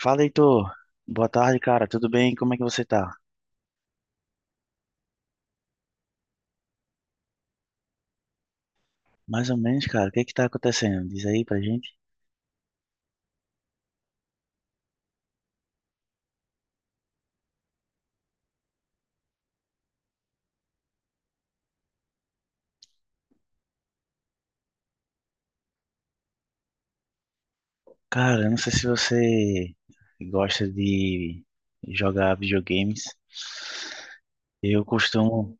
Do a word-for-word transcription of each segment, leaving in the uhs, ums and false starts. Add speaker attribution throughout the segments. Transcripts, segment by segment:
Speaker 1: Fala, Heitor. Boa tarde, cara. Tudo bem? Como é que você tá? Mais ou menos, cara. O que é que tá acontecendo? Diz aí pra gente. Cara, eu não sei se você gosta de jogar videogames. Eu costumo,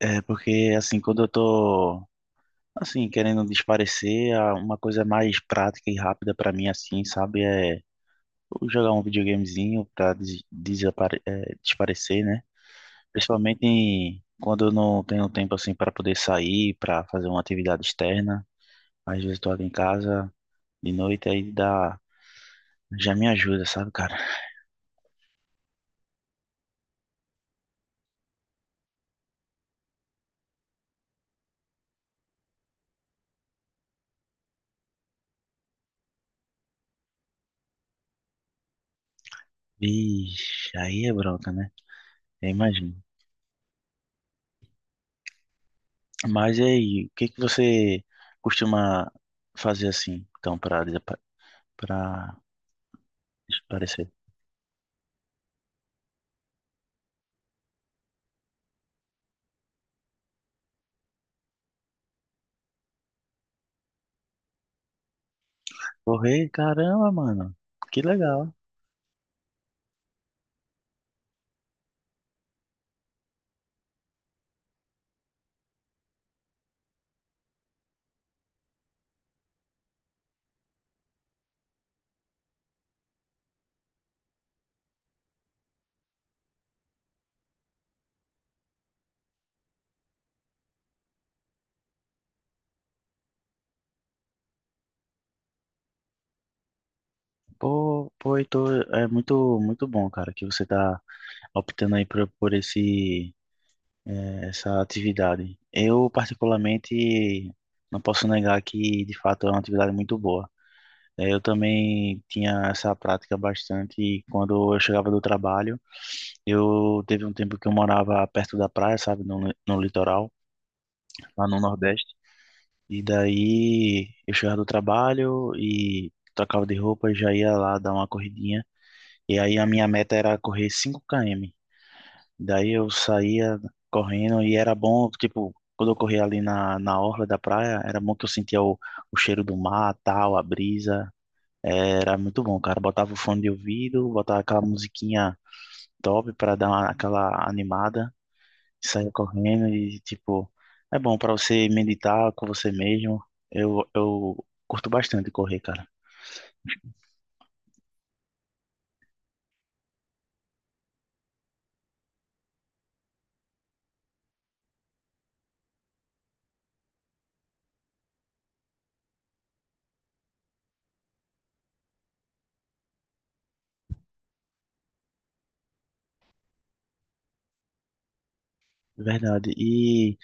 Speaker 1: é porque assim, quando eu tô assim querendo desaparecer, a- uma coisa mais prática e rápida pra mim assim, sabe, é jogar um videogamezinho pra des desapare- é, desaparecer, né? Principalmente em- quando eu não tenho tempo assim para poder sair, para fazer uma atividade externa. Às vezes estou ali em casa de noite, aí dá, já me ajuda, sabe, cara? Vixe, aí é bronca, né? Eu imagino. Mas e aí, o que que você costuma fazer assim, então, para para desaparecer? Correr, caramba, mano. Que legal. Pô, pô, Heitor, é muito muito bom, cara, que você tá optando aí por, por esse eh, essa atividade. Eu, particularmente, não posso negar que, de fato, é uma atividade muito boa. Eh, Eu também tinha essa prática bastante quando eu chegava do trabalho. Eu teve um tempo que eu morava perto da praia, sabe, no, li- no litoral, lá no Nordeste. E daí eu chegava do trabalho e trocava de roupa e já ia lá dar uma corridinha. E aí a minha meta era correr cinco quilômetros. Daí eu saía correndo e era bom, tipo, quando eu corria ali na, na orla da praia, era bom que eu sentia o, o cheiro do mar, tal, a brisa. Era muito bom, cara. Botava o fone de ouvido, botava aquela musiquinha top pra dar uma- aquela animada, saía correndo e, tipo, é bom pra você meditar com você mesmo. Eu, eu curto bastante correr, cara. Verdade. E,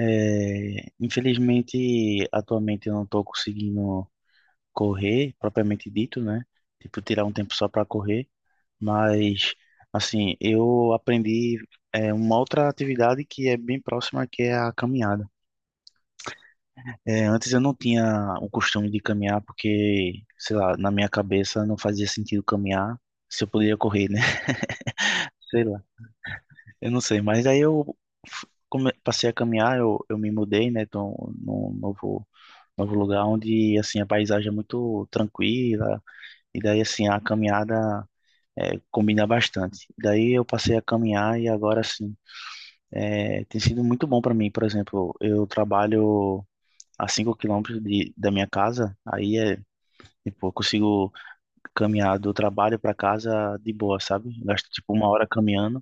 Speaker 1: é, infelizmente, atualmente eu não tô conseguindo correr, propriamente dito, né? Tipo, tirar um tempo só para correr, mas assim, eu aprendi é, uma outra atividade que é bem próxima, que é a caminhada. É, antes eu não tinha o costume de caminhar porque, sei lá, na minha cabeça não fazia sentido caminhar se eu poderia correr, né? Sei lá, eu não sei, mas aí eu f- come- passei a caminhar, eu, eu me mudei, né? Então, num novo novo lugar onde assim a paisagem é muito tranquila e daí assim a caminhada é, combina bastante. Daí eu passei a caminhar e agora sim, é, tem sido muito bom para mim. Por exemplo, eu trabalho a cinco quilômetros de, da minha casa, aí é, tipo, eu consigo caminhar do trabalho para casa de boa, sabe? Gasto tipo uma hora caminhando.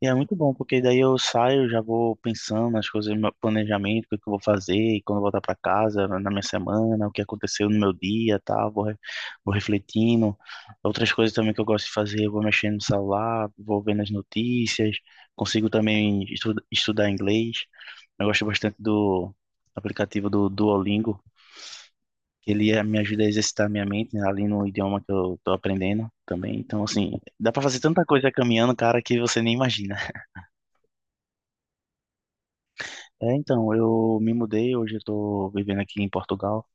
Speaker 1: E é muito bom, porque daí eu saio, já vou pensando nas coisas, no meu planejamento, o que é que eu vou fazer, e quando eu voltar para casa, na na minha semana, o que aconteceu no meu dia, tal, vou, re- vou refletindo. Outras coisas também que eu gosto de fazer, eu vou mexendo no celular, vou vendo as notícias, consigo também estu- estudar inglês. Eu gosto bastante do aplicativo do Duolingo, que ele eh, me ajuda a exercitar minha mente, né, ali no idioma que eu tô aprendendo também. Então, assim, dá para fazer tanta coisa caminhando, cara, que você nem imagina. É, então, eu me mudei, hoje eu tô vivendo aqui em Portugal.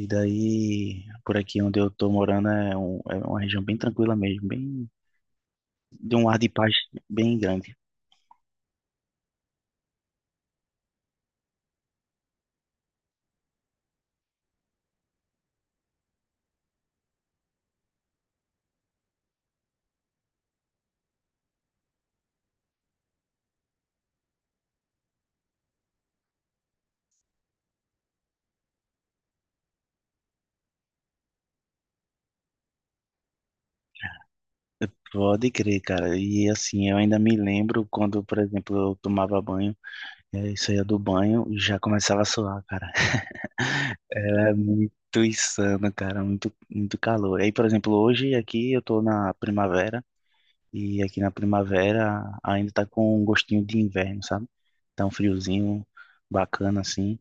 Speaker 1: E daí, por aqui onde eu tô morando é, um- é uma região bem tranquila mesmo, bem de um ar de paz bem grande. Pode crer, cara. E assim, eu ainda me lembro quando, por exemplo, eu tomava banho, é, saía do banho e já começava a suar, cara. É muito insano, cara, muito, muito calor. Aí, por exemplo, hoje aqui eu tô na primavera. E aqui na primavera ainda tá com um gostinho de inverno, sabe? Tá um friozinho bacana assim.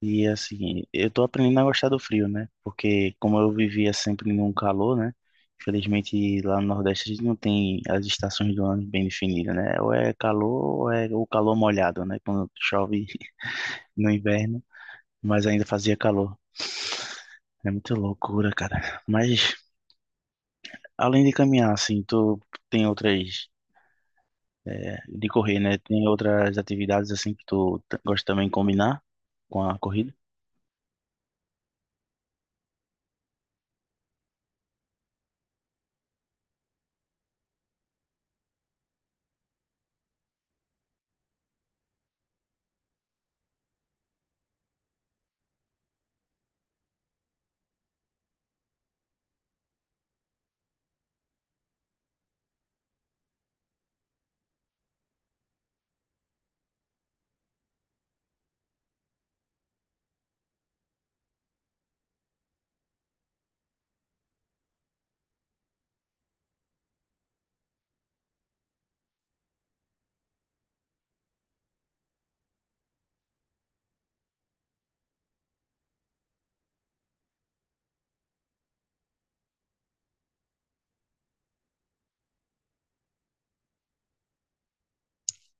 Speaker 1: E assim, eu tô aprendendo a gostar do frio, né? Porque como eu vivia sempre num calor, né? Infelizmente lá no Nordeste a gente não tem as estações do ano bem definidas, né? Ou é calor ou é o calor molhado, né? Quando chove no inverno, mas ainda fazia calor. É muita loucura, cara. Mas além de caminhar, assim, tu tem outras é, de correr, né? Tem outras atividades assim que tu t- gosta também de combinar com a corrida?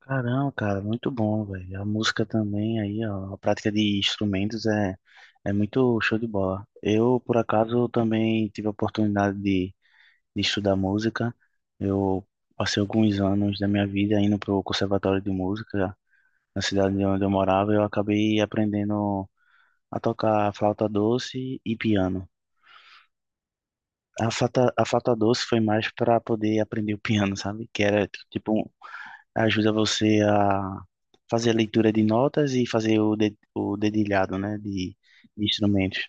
Speaker 1: Caramba, cara, muito bom, velho. A música também aí, ó, a prática de instrumentos é, é muito show de bola. Eu, por acaso, também tive a oportunidade de, de estudar música. Eu passei alguns anos da minha vida indo pro Conservatório de Música na cidade de onde eu morava. Eu acabei aprendendo a tocar flauta doce e piano. A Fata, a Fata Doce foi mais para poder aprender o piano, sabe? Que era tipo, ajuda você a fazer a leitura de notas e fazer o, de, o dedilhado, né? De, de instrumentos.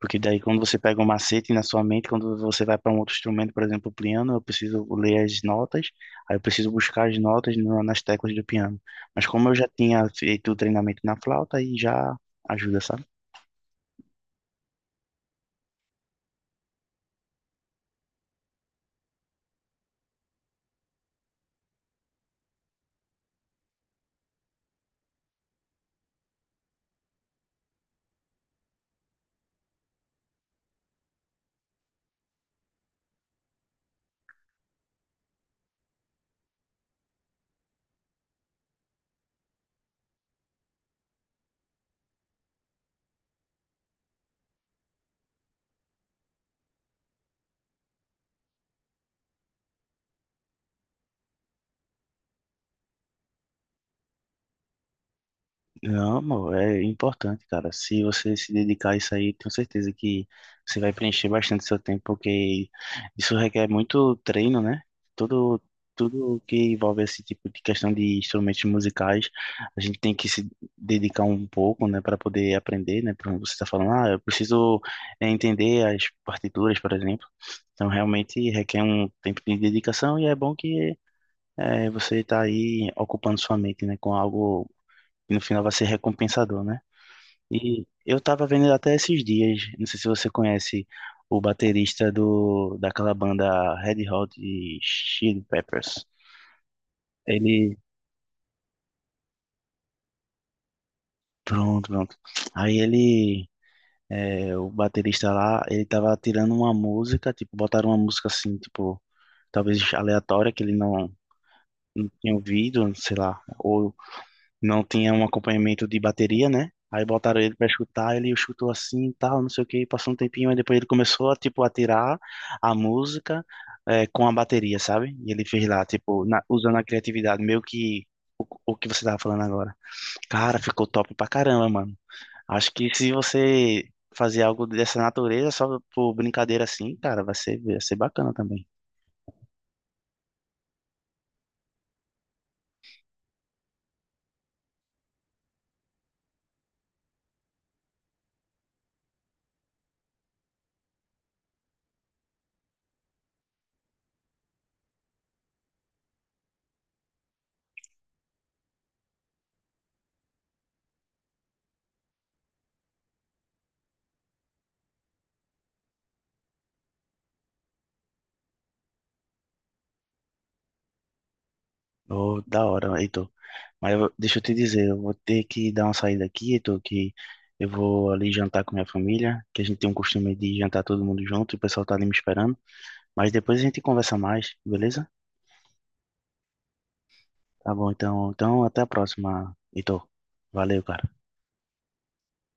Speaker 1: Porque daí, quando você pega um macete na sua mente, quando você vai para um outro instrumento, por exemplo, o piano, eu preciso ler as notas, aí eu preciso buscar as notas no, nas teclas do piano. Mas como eu já tinha feito o treinamento na flauta, aí já ajuda, sabe? Não, amor, é importante, cara. Se você se dedicar a isso aí, tenho certeza que você vai preencher bastante seu tempo, porque isso requer muito treino, né? Tudo, Tudo que envolve esse tipo de questão de instrumentos musicais, a gente tem que se dedicar um pouco, né, para poder aprender, né? Por exemplo, você está falando, ah, eu preciso eh, entender as partituras, por exemplo. Então, realmente requer um tempo de dedicação e é bom que eh, você está aí ocupando sua mente, né, com algo e no final vai ser recompensador, né? E eu tava vendo até esses dias, não sei se você conhece o baterista do, daquela banda Red Hot Chili Peppers. Ele, pronto, pronto. Aí ele, é, o baterista lá, ele tava tirando uma música, tipo, botaram uma música assim, tipo, talvez aleatória, que ele não, não tinha ouvido, sei lá, ou não tinha um acompanhamento de bateria, né? Aí botaram ele pra escutar, ele chutou assim e tal, não sei o que, passou um tempinho, aí depois ele começou a, tipo, a tirar a música eh, com a bateria, sabe? E ele fez lá, tipo, na- usando a criatividade, meio que o que você tava falando agora. Cara, ficou top pra caramba, mano. Acho que se você fazer algo dessa natureza, só por brincadeira assim, cara, vai ser, vai ser bacana também. Oh, da hora, Heitor. Mas eu- deixa eu te dizer, eu vou ter que dar uma saída aqui, Heitor, que eu vou ali jantar com minha família, que a gente tem um costume de jantar todo mundo junto, o pessoal tá ali me esperando. Mas depois a gente conversa mais, beleza? Tá bom, então, então até a próxima, Heitor. Valeu, cara.